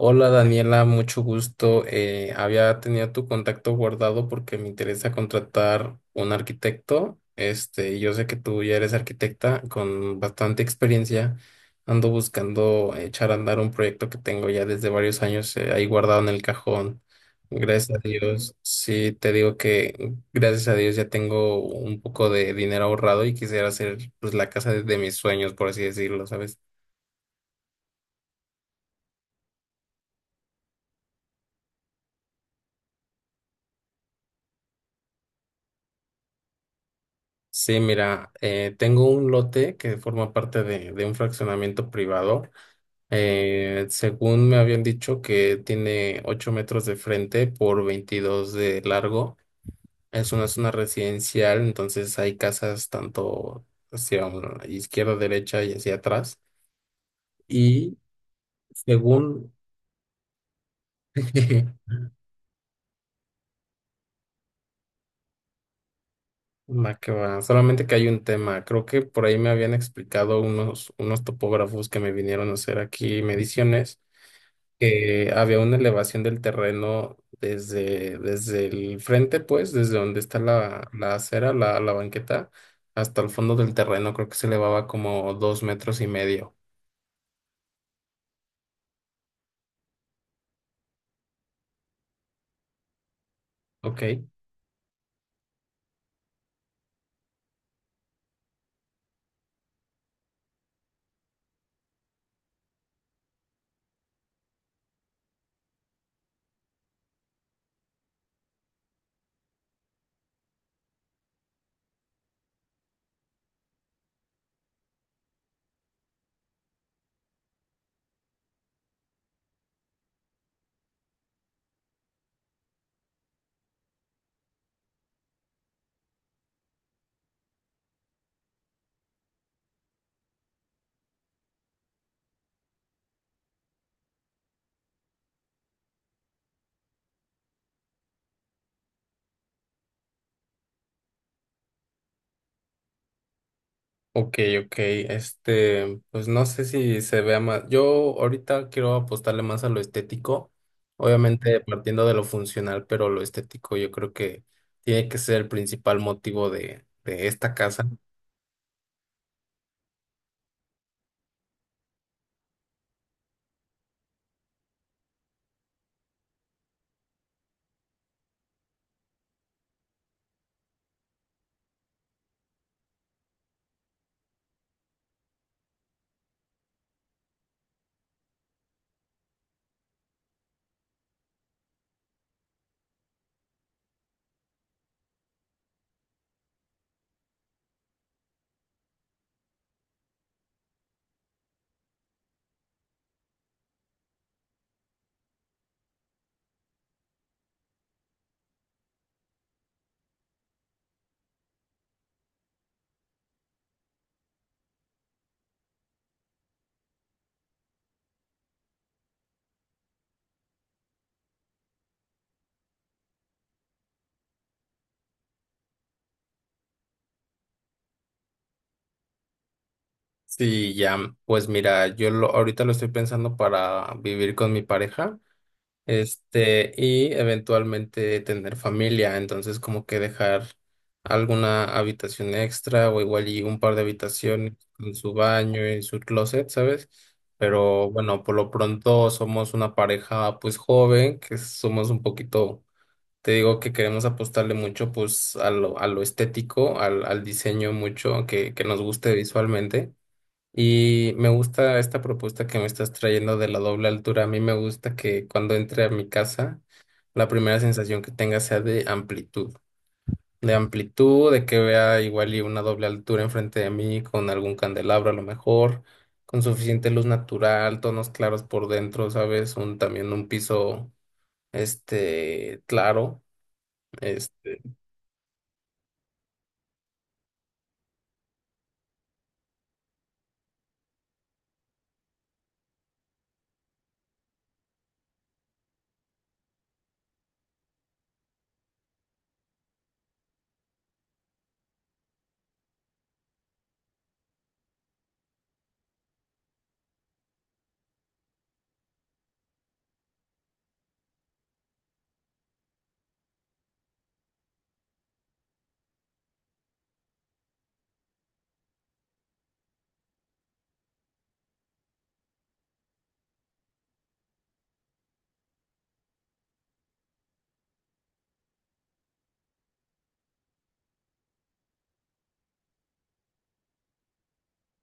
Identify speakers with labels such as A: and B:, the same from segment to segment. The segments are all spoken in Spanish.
A: Hola Daniela, mucho gusto. Había tenido tu contacto guardado porque me interesa contratar un arquitecto. Este, y yo sé que tú ya eres arquitecta con bastante experiencia. Ando buscando echar a andar un proyecto que tengo ya desde varios años ahí guardado en el cajón. Gracias a Dios, sí te digo que gracias a Dios ya tengo un poco de dinero ahorrado y quisiera hacer pues la casa de mis sueños, por así decirlo, ¿sabes? Sí, mira, tengo un lote que forma parte de un fraccionamiento privado. Según me habían dicho que tiene 8 metros de frente por 22 de largo. Es una zona residencial, entonces hay casas tanto hacia izquierda, derecha y hacia atrás. Y según… Ma que va. Solamente que hay un tema. Creo que por ahí me habían explicado unos topógrafos que me vinieron a hacer aquí mediciones que había una elevación del terreno desde el frente, pues, desde donde está la acera, la banqueta, hasta el fondo del terreno. Creo que se elevaba como 2,5 metros. Ok, ok, ok. Este, pues no sé si se vea más. Yo ahorita quiero apostarle más a lo estético, obviamente partiendo de lo funcional, pero lo estético yo creo que tiene que ser el principal motivo de esta casa. Sí, ya, pues mira, ahorita lo estoy pensando para vivir con mi pareja, este, y eventualmente tener familia, entonces como que dejar alguna habitación extra o igual y un par de habitaciones con su baño y su closet, ¿sabes? Pero bueno, por lo pronto somos una pareja pues joven, que somos un poquito, te digo que queremos apostarle mucho pues a a lo estético, al diseño mucho que nos guste visualmente. Y me gusta esta propuesta que me estás trayendo de la doble altura. A mí me gusta que cuando entre a mi casa, la primera sensación que tenga sea de amplitud. De amplitud, de que vea igual y una doble altura enfrente de mí con algún candelabro a lo mejor, con suficiente luz natural, tonos claros por dentro, ¿sabes? Un, también un piso, este, claro.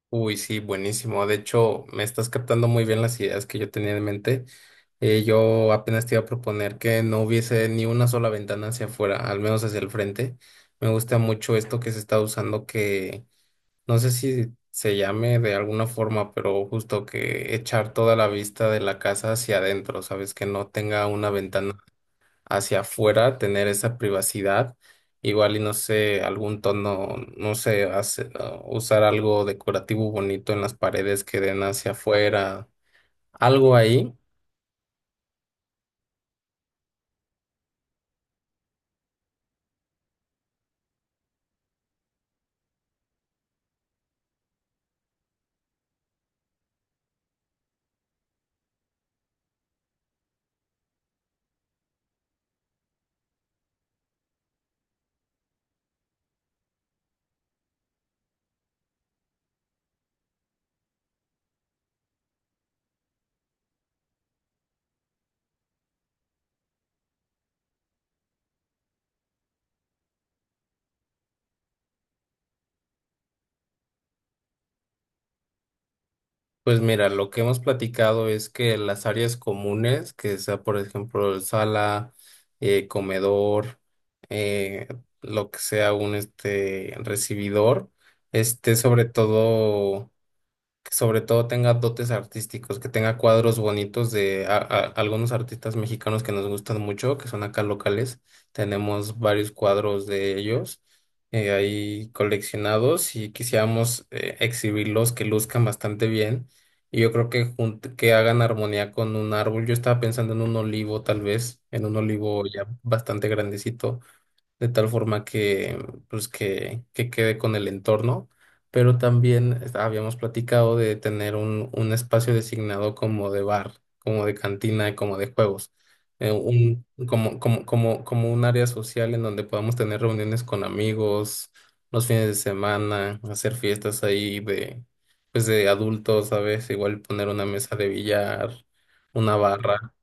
A: Uy, sí, buenísimo. De hecho, me estás captando muy bien las ideas que yo tenía en mente. Yo apenas te iba a proponer que no hubiese ni una sola ventana hacia afuera, al menos hacia el frente. Me gusta mucho esto que se está usando, que no sé si se llame de alguna forma, pero justo que echar toda la vista de la casa hacia adentro, ¿sabes? Que no tenga una ventana hacia afuera, tener esa privacidad, igual y no sé, algún tono, no sé, usar algo decorativo bonito en las paredes que den hacia afuera, algo ahí. Pues mira, lo que hemos platicado es que las áreas comunes, que sea por ejemplo el sala, comedor, eh, lo que sea un este recibidor, esté sobre todo que sobre todo tenga dotes artísticos, que tenga cuadros bonitos de algunos artistas mexicanos que nos gustan mucho, que son acá locales. Tenemos varios cuadros de ellos ahí coleccionados y quisiéramos exhibirlos que luzcan bastante bien. Y yo creo que que hagan armonía con un árbol. Yo estaba pensando en un olivo, tal vez, en un olivo ya bastante grandecito de tal forma que, pues, que quede con el entorno, pero también habíamos platicado de tener un espacio designado como de bar, como de cantina y como de juegos, un, como, como, como, como un área social en donde podamos tener reuniones con amigos los fines de semana, hacer fiestas ahí de, pues, de adultos, ¿sabes? Igual poner una mesa de billar, una barra.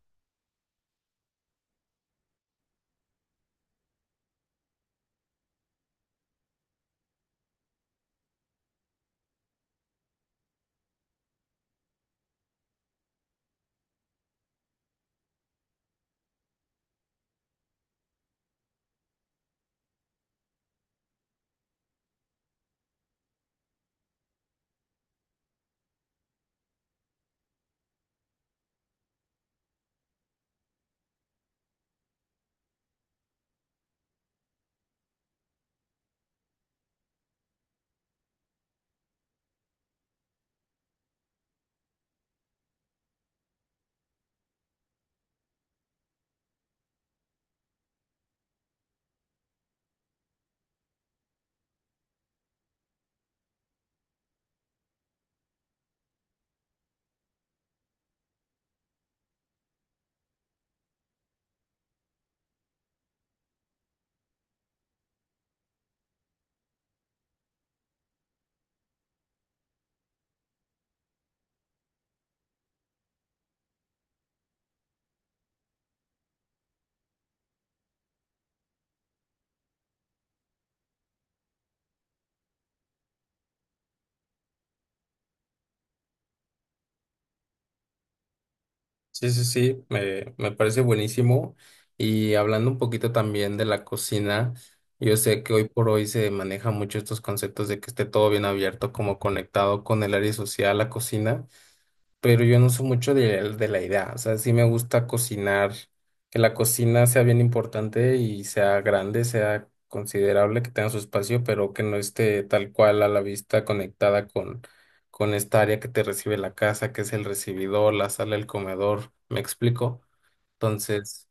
A: Sí, sí, sí, me parece buenísimo. Y hablando un poquito también de la cocina, yo sé que hoy por hoy se maneja mucho estos conceptos de que esté todo bien abierto, como conectado con el área social, la cocina, pero yo no soy mucho de la idea. O sea, sí me gusta cocinar, que la cocina sea bien importante y sea grande, sea considerable, que tenga su espacio, pero que no esté tal cual a la vista conectada con esta área que te recibe la casa, que es el recibidor, la sala, el comedor. ¿Me explico? Entonces,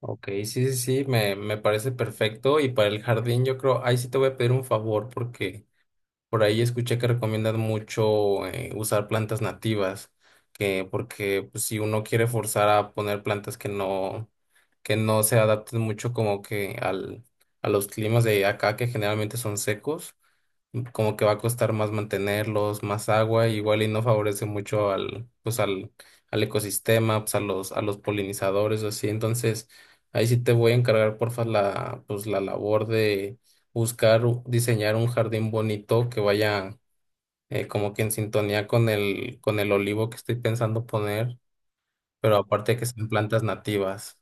A: ok, sí, sí, sí, me parece perfecto. Y para el jardín, yo creo, ahí sí te voy a pedir un favor porque… Por ahí escuché que recomiendan mucho usar plantas nativas, que porque pues, si uno quiere forzar a poner plantas que no se adapten mucho como que al, a los climas de acá, que generalmente son secos, como que va a costar más mantenerlos, más agua, igual y no favorece mucho al, al ecosistema, pues a a los polinizadores o así. Entonces, ahí sí te voy a encargar, porfa, la, pues la labor de buscar, diseñar un jardín bonito que vaya como que en sintonía con con el olivo que estoy pensando poner, pero aparte que sean plantas nativas.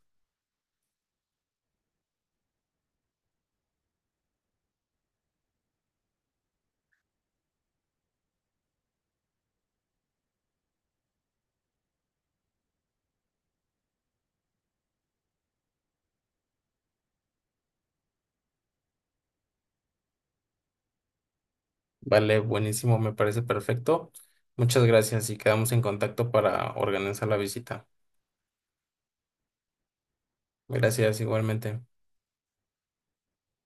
A: Vale, buenísimo, me parece perfecto. Muchas gracias y quedamos en contacto para organizar la visita. Gracias, igualmente.